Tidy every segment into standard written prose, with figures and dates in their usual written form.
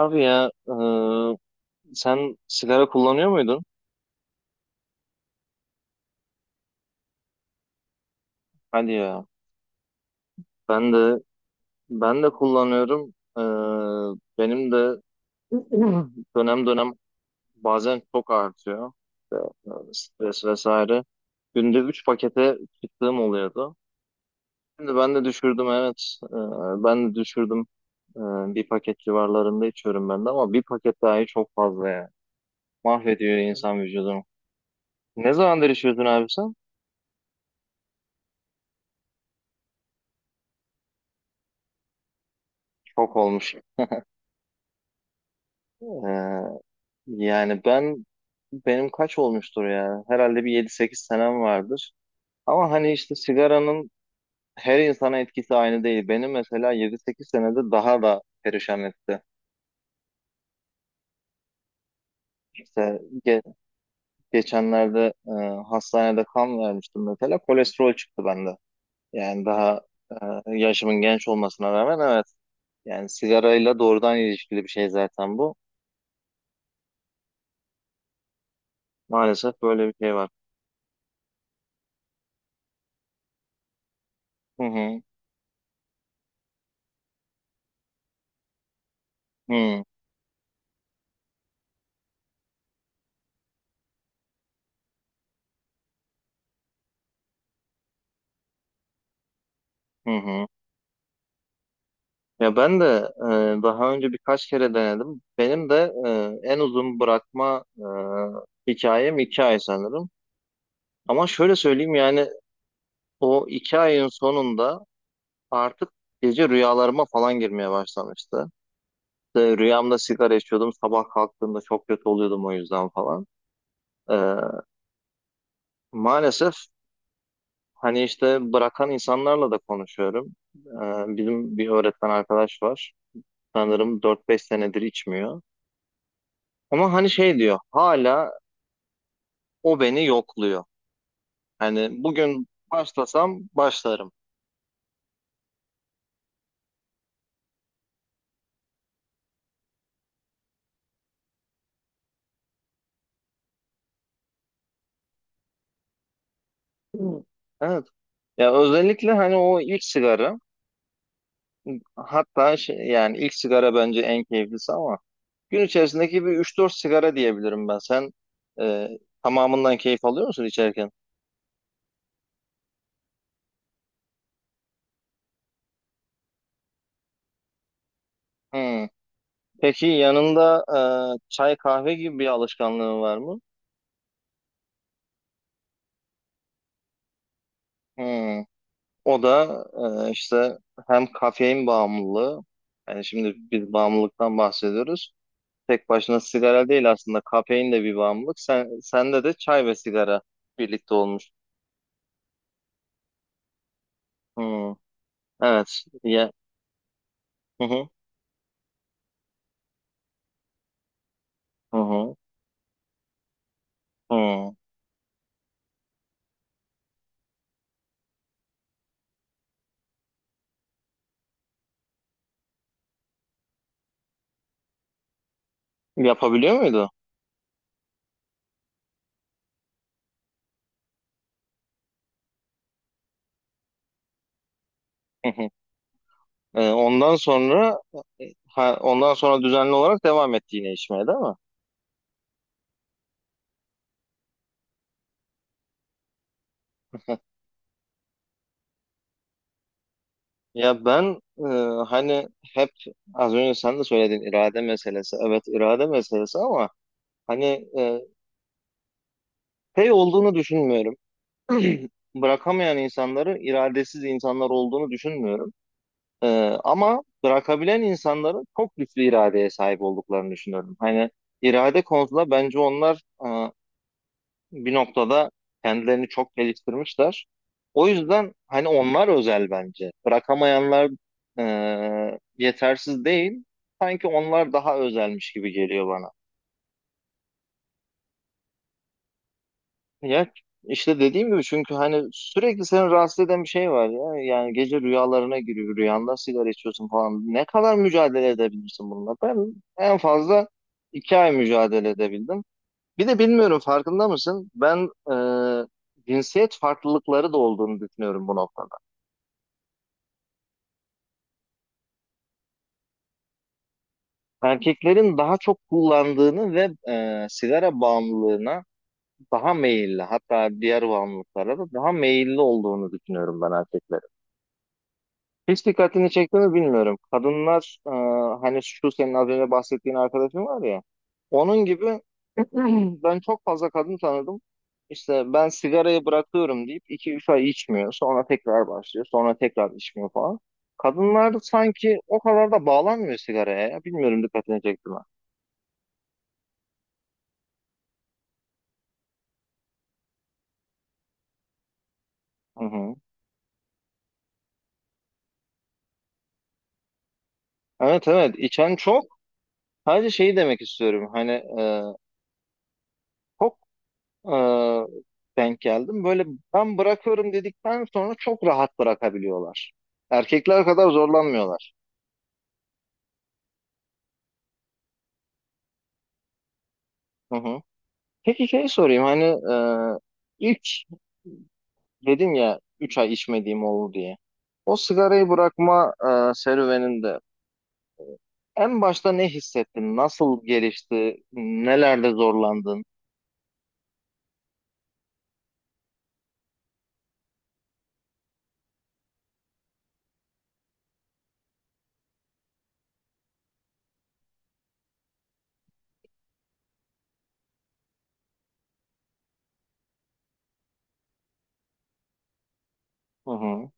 Abi ya, sen sigara kullanıyor muydun? Hadi ya, ben de ben de kullanıyorum. Benim de dönem dönem bazen çok artıyor. İşte, stres vesaire. Günde 3 pakete çıktığım oluyordu. Şimdi ben de düşürdüm, evet. Ben de düşürdüm. E, Bir paket civarlarında içiyorum ben de ama bir paket dahi çok fazla ya. Mahvediyor insan vücudunu. Ne zamandır içiyordun abi sen? Çok olmuş. E, Yani benim kaç olmuştur ya? Herhalde bir yedi sekiz senem vardır. Ama hani işte sigaranın her insana etkisi aynı değil. Benim mesela yedi sekiz senede daha da perişan etti. İşte, ge- geçenlerde hastanede kan vermiştim mesela. Kolesterol çıktı bende. Yani daha yaşımın genç olmasına rağmen, evet. Yani sigarayla doğrudan ilişkili bir şey zaten bu. Maalesef böyle bir şey var. Hı hı. Hı hı. Hı. Ya ben de daha önce birkaç kere denedim. Benim de en uzun bırakma hikayem 2 ay sanırım. Ama şöyle söyleyeyim, yani o 2 ayın sonunda artık gece rüyalarıma falan girmeye başlamıştı. İşte rüyamda sigara içiyordum, sabah kalktığımda çok kötü oluyordum o yüzden falan. E, Maalesef, hani işte, bırakan insanlarla da konuşuyorum. Bizim bir öğretmen arkadaş var. Sanırım dört beş senedir içmiyor. Ama hani şey diyor, hala o beni yokluyor. Hani bugün başlasam başlarım. Hı. Evet. Ya özellikle hani o ilk sigara, hatta şey, yani ilk sigara bence en keyiflisi ama gün içerisindeki bir üç dört sigara diyebilirim ben. Sen e, tamamından keyif alıyor musun içerken? Hmm. Peki, yanında çay kahve gibi bir alışkanlığın var mı? Hmm. O da işte, hem kafein bağımlılığı, yani şimdi biz bağımlılıktan bahsediyoruz. Tek başına sigara değil aslında. Kafein de bir bağımlılık. Sende de çay ve sigara birlikte olmuş. Hmm. Evet. Ya, hı hı, hı hı, hı. Yapabiliyor muydu? Hı hı. Ondan sonra düzenli olarak devam etti yine içmeye, değil mi? Ya ben hani, hep az önce sen de söyledin, irade meselesi. Evet, irade meselesi ama hani e, şey olduğunu düşünmüyorum. Bırakamayan insanları iradesiz insanlar olduğunu düşünmüyorum. Ama bırakabilen insanların çok güçlü iradeye sahip olduklarını düşünüyorum. Hani irade konusunda bence onlar bir noktada kendilerini çok geliştirmişler. O yüzden hani onlar özel bence. Bırakamayanlar yetersiz değil. Sanki onlar daha özelmiş gibi geliyor bana. Ya işte dediğim gibi, çünkü hani sürekli seni rahatsız eden bir şey var ya. Yani gece rüyalarına giriyor. Rüyanda sigara içiyorsun falan. Ne kadar mücadele edebilirsin bununla? Ben en fazla 2 ay mücadele edebildim. Bir de bilmiyorum, farkında mısın? Ben cinsiyet farklılıkları da olduğunu düşünüyorum bu noktada. Erkeklerin daha çok kullandığını ve sigara bağımlılığına daha meyilli, hatta diğer bağımlılıklara da daha meyilli olduğunu düşünüyorum ben erkeklerin. Hiç dikkatini çekti mi bilmiyorum. Kadınlar, hani şu senin az önce bahsettiğin arkadaşın var ya. Onun gibi. Ben çok fazla kadın tanıdım. İşte ben sigarayı bırakıyorum deyip iki üç ay içmiyor. Sonra tekrar başlıyor. Sonra tekrar içmiyor falan. Kadınlar da sanki o kadar da bağlanmıyor sigaraya ya. Bilmiyorum, dikkatini çekti mi? Hı hı. Evet, evet, içen çok. Sadece şeyi demek istiyorum. Hani e, çok e, denk geldim. Böyle, ben bırakıyorum dedikten sonra çok rahat bırakabiliyorlar. Erkekler kadar zorlanmıyorlar. Hı hı. Peki şey sorayım, hani ilk dedin ya, 3 ay içmediğim oldu diye. O sigarayı bırakma serüveninde en başta ne hissettin? Nasıl gelişti? Nelerde zorlandın? Hı hı.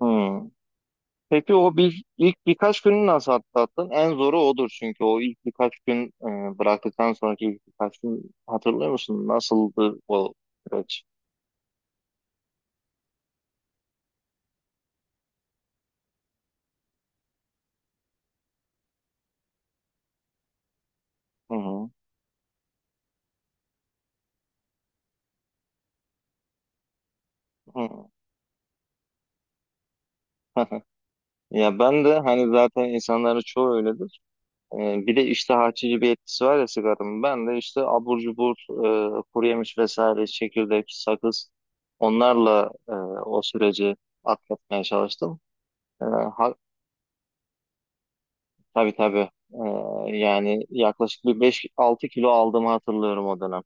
Hı. Peki ilk birkaç günü nasıl atlattın? En zoru odur, çünkü o ilk birkaç gün, bıraktıktan sonraki ilk birkaç gün, hatırlıyor musun? Nasıldı o süreç? Hı hı. Hı. Ya ben de, hani zaten insanların çoğu öyledir. E, Bir de işte, açıcı bir etkisi var ya sigaranın. Ben de işte abur cubur, kuru yemiş vesaire, çekirdek, sakız, onlarla o süreci atlatmaya çalıştım. E, ha- Tabii, tabii. Yani yaklaşık bir beş altı kilo aldığımı hatırlıyorum o dönem.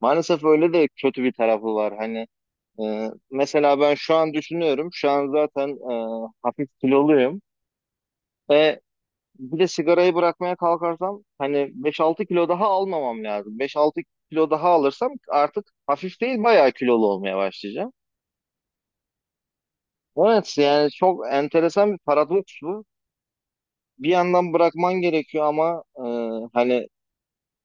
Maalesef öyle de kötü bir tarafı var. Hani mesela ben şu an düşünüyorum. Şu an zaten hafif kiloluyum. Ve bir de sigarayı bırakmaya kalkarsam, hani beş altı kilo daha almamam lazım. Beş altı kilo daha alırsam artık hafif değil, bayağı kilolu olmaya başlayacağım. Evet, yani çok enteresan bir paradoks bu. Bir yandan bırakman gerekiyor ama hani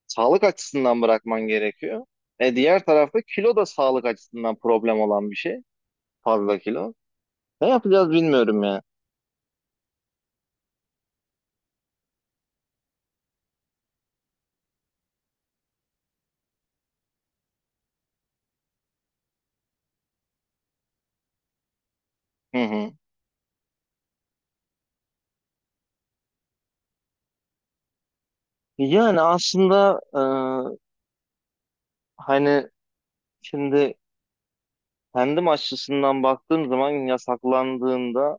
sağlık açısından bırakman gerekiyor. Diğer tarafta kilo da sağlık açısından problem olan bir şey. Fazla kilo. Ne yapacağız bilmiyorum ya. Hı hı. Yani aslında hani şimdi kendim açısından baktığım zaman, yasaklandığında,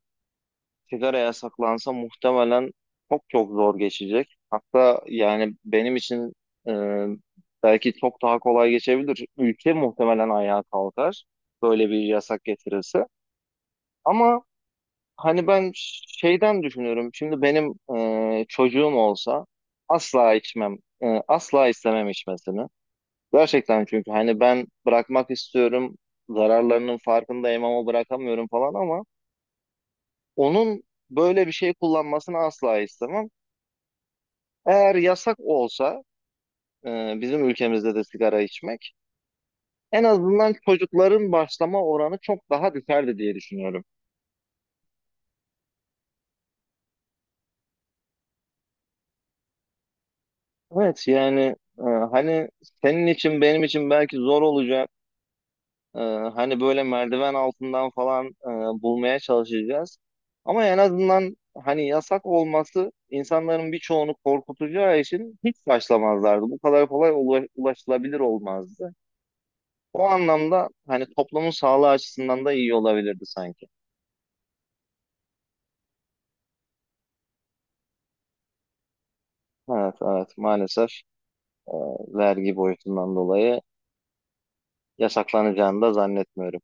sigara yasaklansa muhtemelen çok çok zor geçecek. Hatta yani benim için e, belki çok daha kolay geçebilir. Ülke muhtemelen ayağa kalkar böyle bir yasak getirirse. Ama hani ben şeyden düşünüyorum. Şimdi benim çocuğum olsa asla içmem. Asla istemem içmesini. Gerçekten, çünkü hani ben bırakmak istiyorum. Zararlarının farkındayım ama bırakamıyorum falan, ama onun böyle bir şey kullanmasını asla istemem. Eğer yasak olsa bizim ülkemizde de sigara içmek, en azından çocukların başlama oranı çok daha düşerdi diye düşünüyorum. Evet, yani hani senin için, benim için belki zor olacak. Ee, Hani böyle merdiven altından falan bulmaya çalışacağız. Ama en azından hani yasak olması insanların birçoğunu korkutacağı için hiç başlamazlardı. Bu kadar kolay ulaşılabilir olmazdı. O anlamda hani toplumun sağlığı açısından da iyi olabilirdi sanki. Evet, evet, maalesef e, vergi boyutundan dolayı yasaklanacağını da zannetmiyorum.